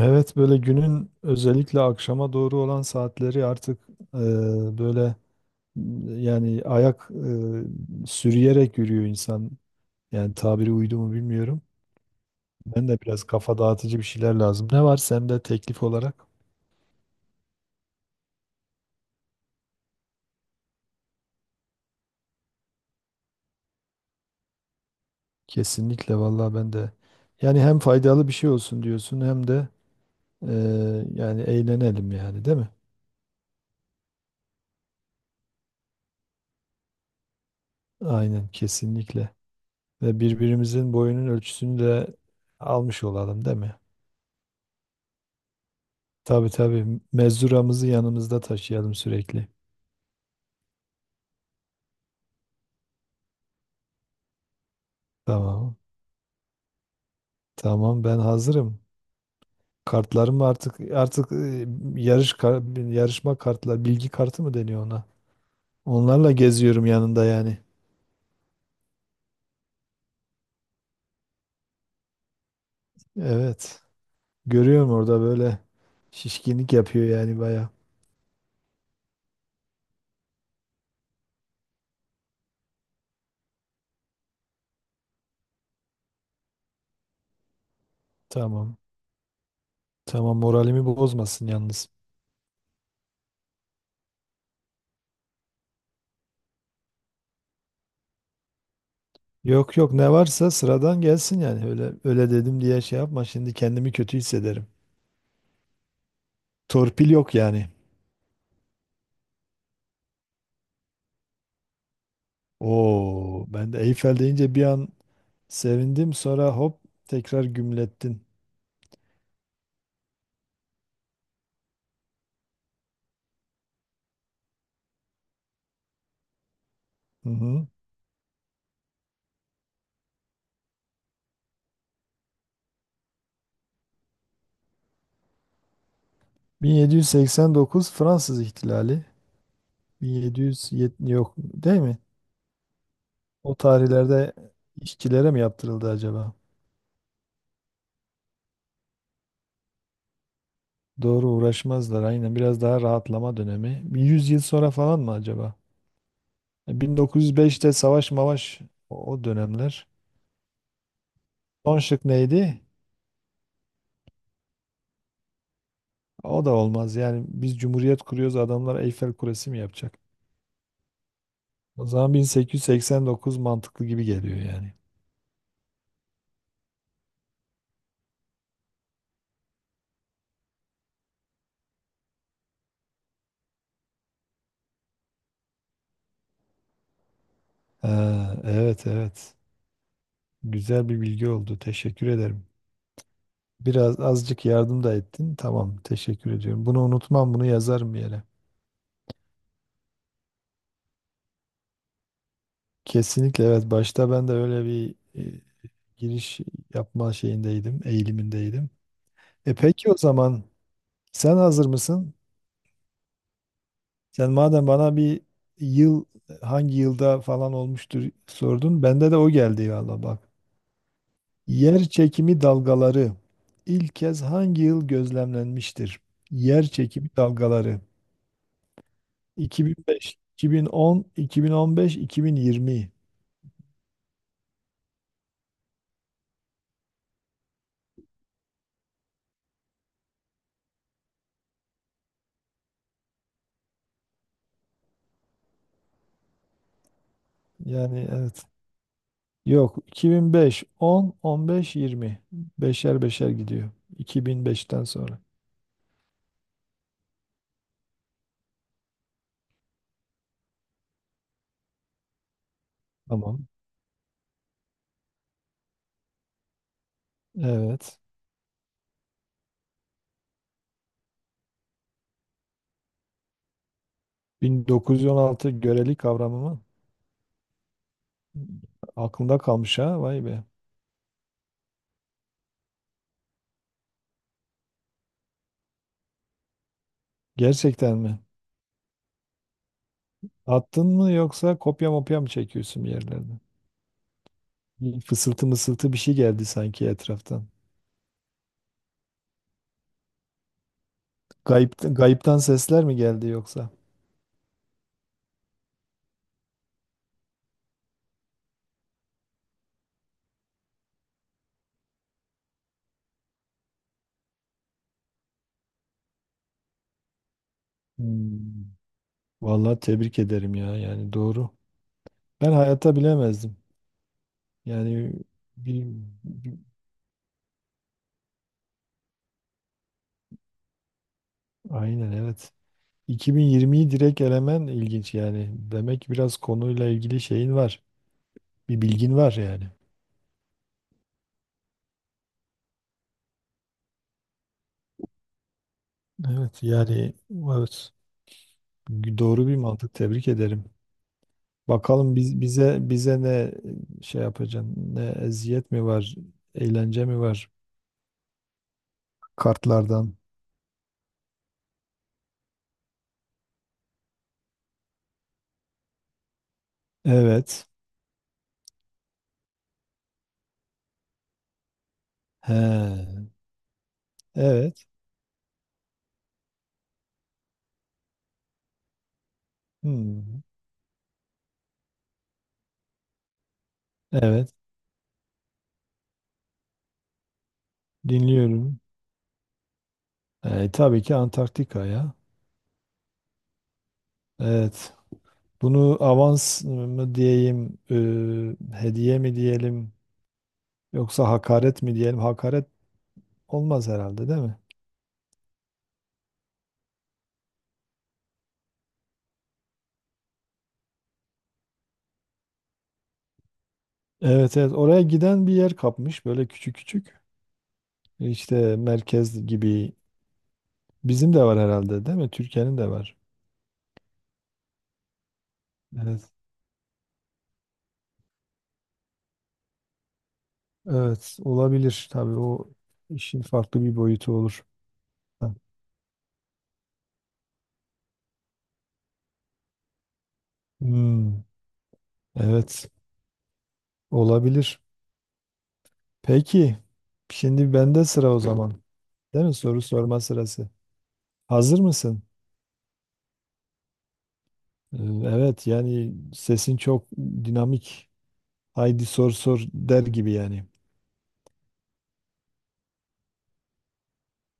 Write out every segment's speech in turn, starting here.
Evet böyle günün özellikle akşama doğru olan saatleri artık e, böyle yani ayak sürüyerek yürüyor insan. Yani tabiri uydu mu bilmiyorum. Ben de biraz kafa dağıtıcı bir şeyler lazım. Ne var sende teklif olarak? Kesinlikle vallahi ben de. Yani hem faydalı bir şey olsun diyorsun hem de e, yani eğlenelim yani değil mi? Aynen kesinlikle. Ve birbirimizin boyunun ölçüsünü de almış olalım değil mi? Tabii tabii. Mezuramızı yanımızda taşıyalım sürekli. Tamam. Tamam ben hazırım. Kartlarım artık yarışma kartlar, bilgi kartı mı deniyor ona? Onlarla geziyorum yanında yani. Evet. Görüyorum orada böyle şişkinlik yapıyor yani baya. Tamam. Tamam moralimi bozmasın yalnız. Yok yok ne varsa sıradan gelsin yani. Öyle öyle dedim diye şey yapma. Şimdi kendimi kötü hissederim. Torpil yok yani. Oo, ben de Eyfel deyince bir an sevindim, sonra hop tekrar gümlettin. Hı hı. 1789 Fransız ihtilali. 1770 yok değil mi? O tarihlerde işçilere mi yaptırıldı acaba? Doğru, uğraşmazlar aynen, biraz daha rahatlama dönemi. Bir 100 yıl sonra falan mı acaba? 1905'te savaş mavaş, o o dönemler. Son şık neydi? O da olmaz yani, biz cumhuriyet kuruyoruz adamlar Eyfel Kulesi mi yapacak? O zaman 1889 mantıklı gibi geliyor yani. Ha, evet evet. Güzel bir bilgi oldu. Teşekkür ederim. Biraz azıcık yardım da ettin. Tamam, teşekkür ediyorum. Bunu unutmam, bunu yazarım bir yere. Kesinlikle evet. Başta ben de öyle bir e, giriş yapma şeyindeydim, eğilimindeydim. E peki, o zaman sen hazır mısın? Sen madem bana bir yıl hangi yılda falan olmuştur sordun. Bende de o geldi valla bak. Yer çekimi dalgaları ilk kez hangi yıl gözlemlenmiştir? Yer çekimi dalgaları 2005, 2010, 2015, 2020. Yani evet. Yok, 2005, 10, 15, 20. Beşer beşer gidiyor. 2005'ten sonra. Tamam. Evet. 1916 göreli kavramı mı? Aklında kalmış ha. Vay be. Gerçekten mi? Attın mı yoksa kopya mopya mı çekiyorsun bir yerlerde? Bir fısıltı mısıltı bir şey geldi sanki etraftan. Gayipten, gayipten sesler mi geldi yoksa? Hmm. Vallahi tebrik ederim ya. Yani doğru. Ben hayata bilemezdim. Yani bir, bir- aynen evet. 2020'yi direkt elemen ilginç yani. Demek ki biraz konuyla ilgili şeyin var. Bir bilgin var yani. Evet yani evet. Doğru bir mantık. Tebrik ederim. Bakalım bize ne şey yapacaksın? Ne, eziyet mi var? Eğlence mi var? Kartlardan. Evet. He. Evet. Hmm. Evet. Dinliyorum. Tabii ki Antarktika ya. Evet. Bunu avans mı diyeyim, hediye mi diyelim, yoksa hakaret mi diyelim? Hakaret olmaz herhalde, değil mi? Evet, evet. Oraya giden bir yer kapmış, böyle küçük küçük. İşte merkez gibi. Bizim de var herhalde, değil mi? Türkiye'nin de var. Evet. Evet, olabilir. Tabii o işin farklı bir boyutu olur. Hmm, evet, olabilir. Peki, şimdi bende sıra o zaman. Değil mi? Soru sorma sırası. Hazır mısın? Ee, evet, yani sesin çok dinamik. Haydi sor sor der gibi yani.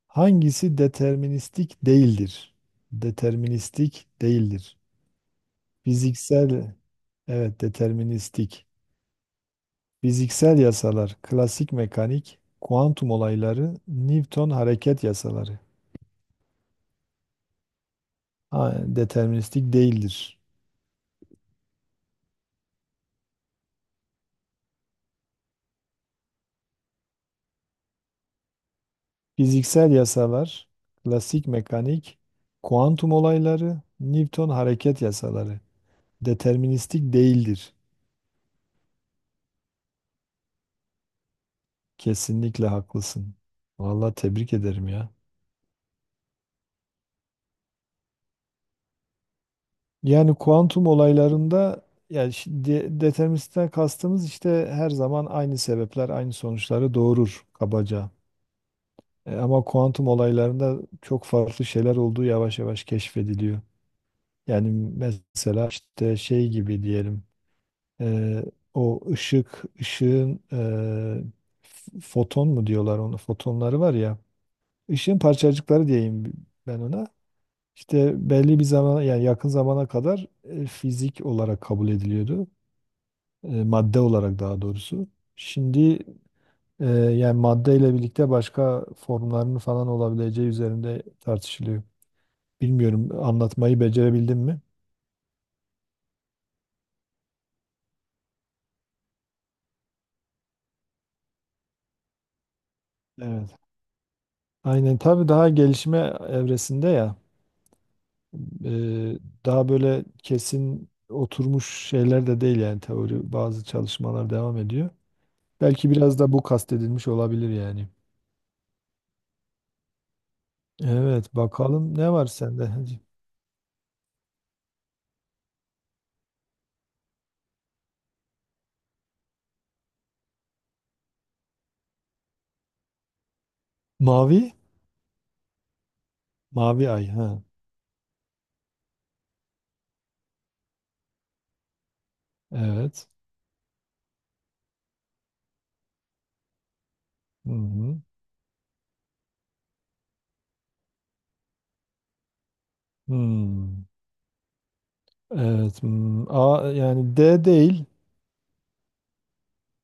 Hangisi deterministik değildir? Deterministik değildir. Fiziksel, evet deterministik. Fiziksel yasalar, klasik mekanik, kuantum olayları, Newton hareket yasaları. Ha, deterministik değildir. Fiziksel yasalar, klasik mekanik, kuantum olayları, Newton hareket yasaları. Deterministik değildir. Kesinlikle haklısın. Vallahi tebrik ederim ya. Yani kuantum olaylarında, yani deterministten kastımız işte her zaman aynı sebepler aynı sonuçları doğurur kabaca. Ama kuantum olaylarında çok farklı şeyler olduğu yavaş yavaş keşfediliyor. Yani mesela işte şey gibi diyelim. Eee, O ışık, ışığın foton mu diyorlar onu? Fotonları var ya. Işığın parçacıkları diyeyim ben ona. İşte belli bir zaman, yani yakın zamana kadar fizik olarak kabul ediliyordu. Madde olarak daha doğrusu. Şimdi yani madde ile birlikte başka formlarının falan olabileceği üzerinde tartışılıyor. Bilmiyorum, anlatmayı becerebildim mi? Evet. Aynen tabii, daha gelişme evresinde ya. Eee, Daha böyle kesin oturmuş şeyler de değil yani, teori, bazı çalışmalar devam ediyor. Belki biraz da bu kastedilmiş olabilir yani. Evet, bakalım ne var sende? Hadi. Mavi? Mavi ay ha. Evet. Hı hı. Hmm. Evet. Hmm. A yani, D değil.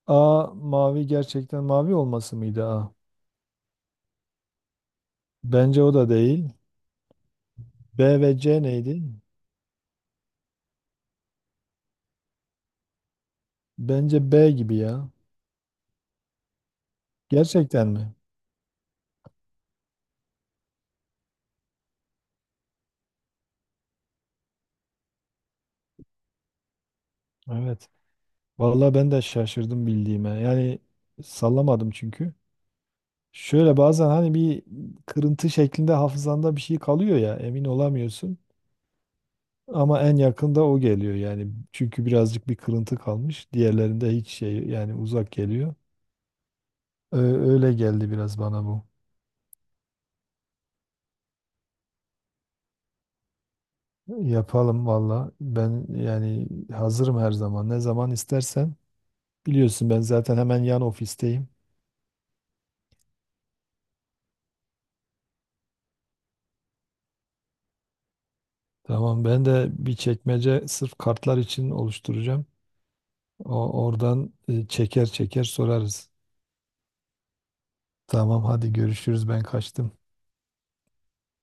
A mavi, gerçekten mavi olması mıydı A? Bence o da değil. B ve C neydi? Bence B gibi ya. Gerçekten mi? Evet. Vallahi ben de şaşırdım bildiğime. Yani sallamadım çünkü. Şöyle bazen hani bir kırıntı şeklinde hafızanda bir şey kalıyor ya, emin olamıyorsun. Ama en yakında o geliyor yani. Çünkü birazcık bir kırıntı kalmış. Diğerlerinde hiç şey, yani uzak geliyor. Öyle geldi biraz bana bu. Yapalım valla. Ben yani hazırım her zaman. Ne zaman istersen. Biliyorsun ben zaten hemen yan ofisteyim. Tamam, ben de bir çekmece sırf kartlar için oluşturacağım. O, oradan çeker çeker sorarız. Tamam hadi görüşürüz, ben kaçtım.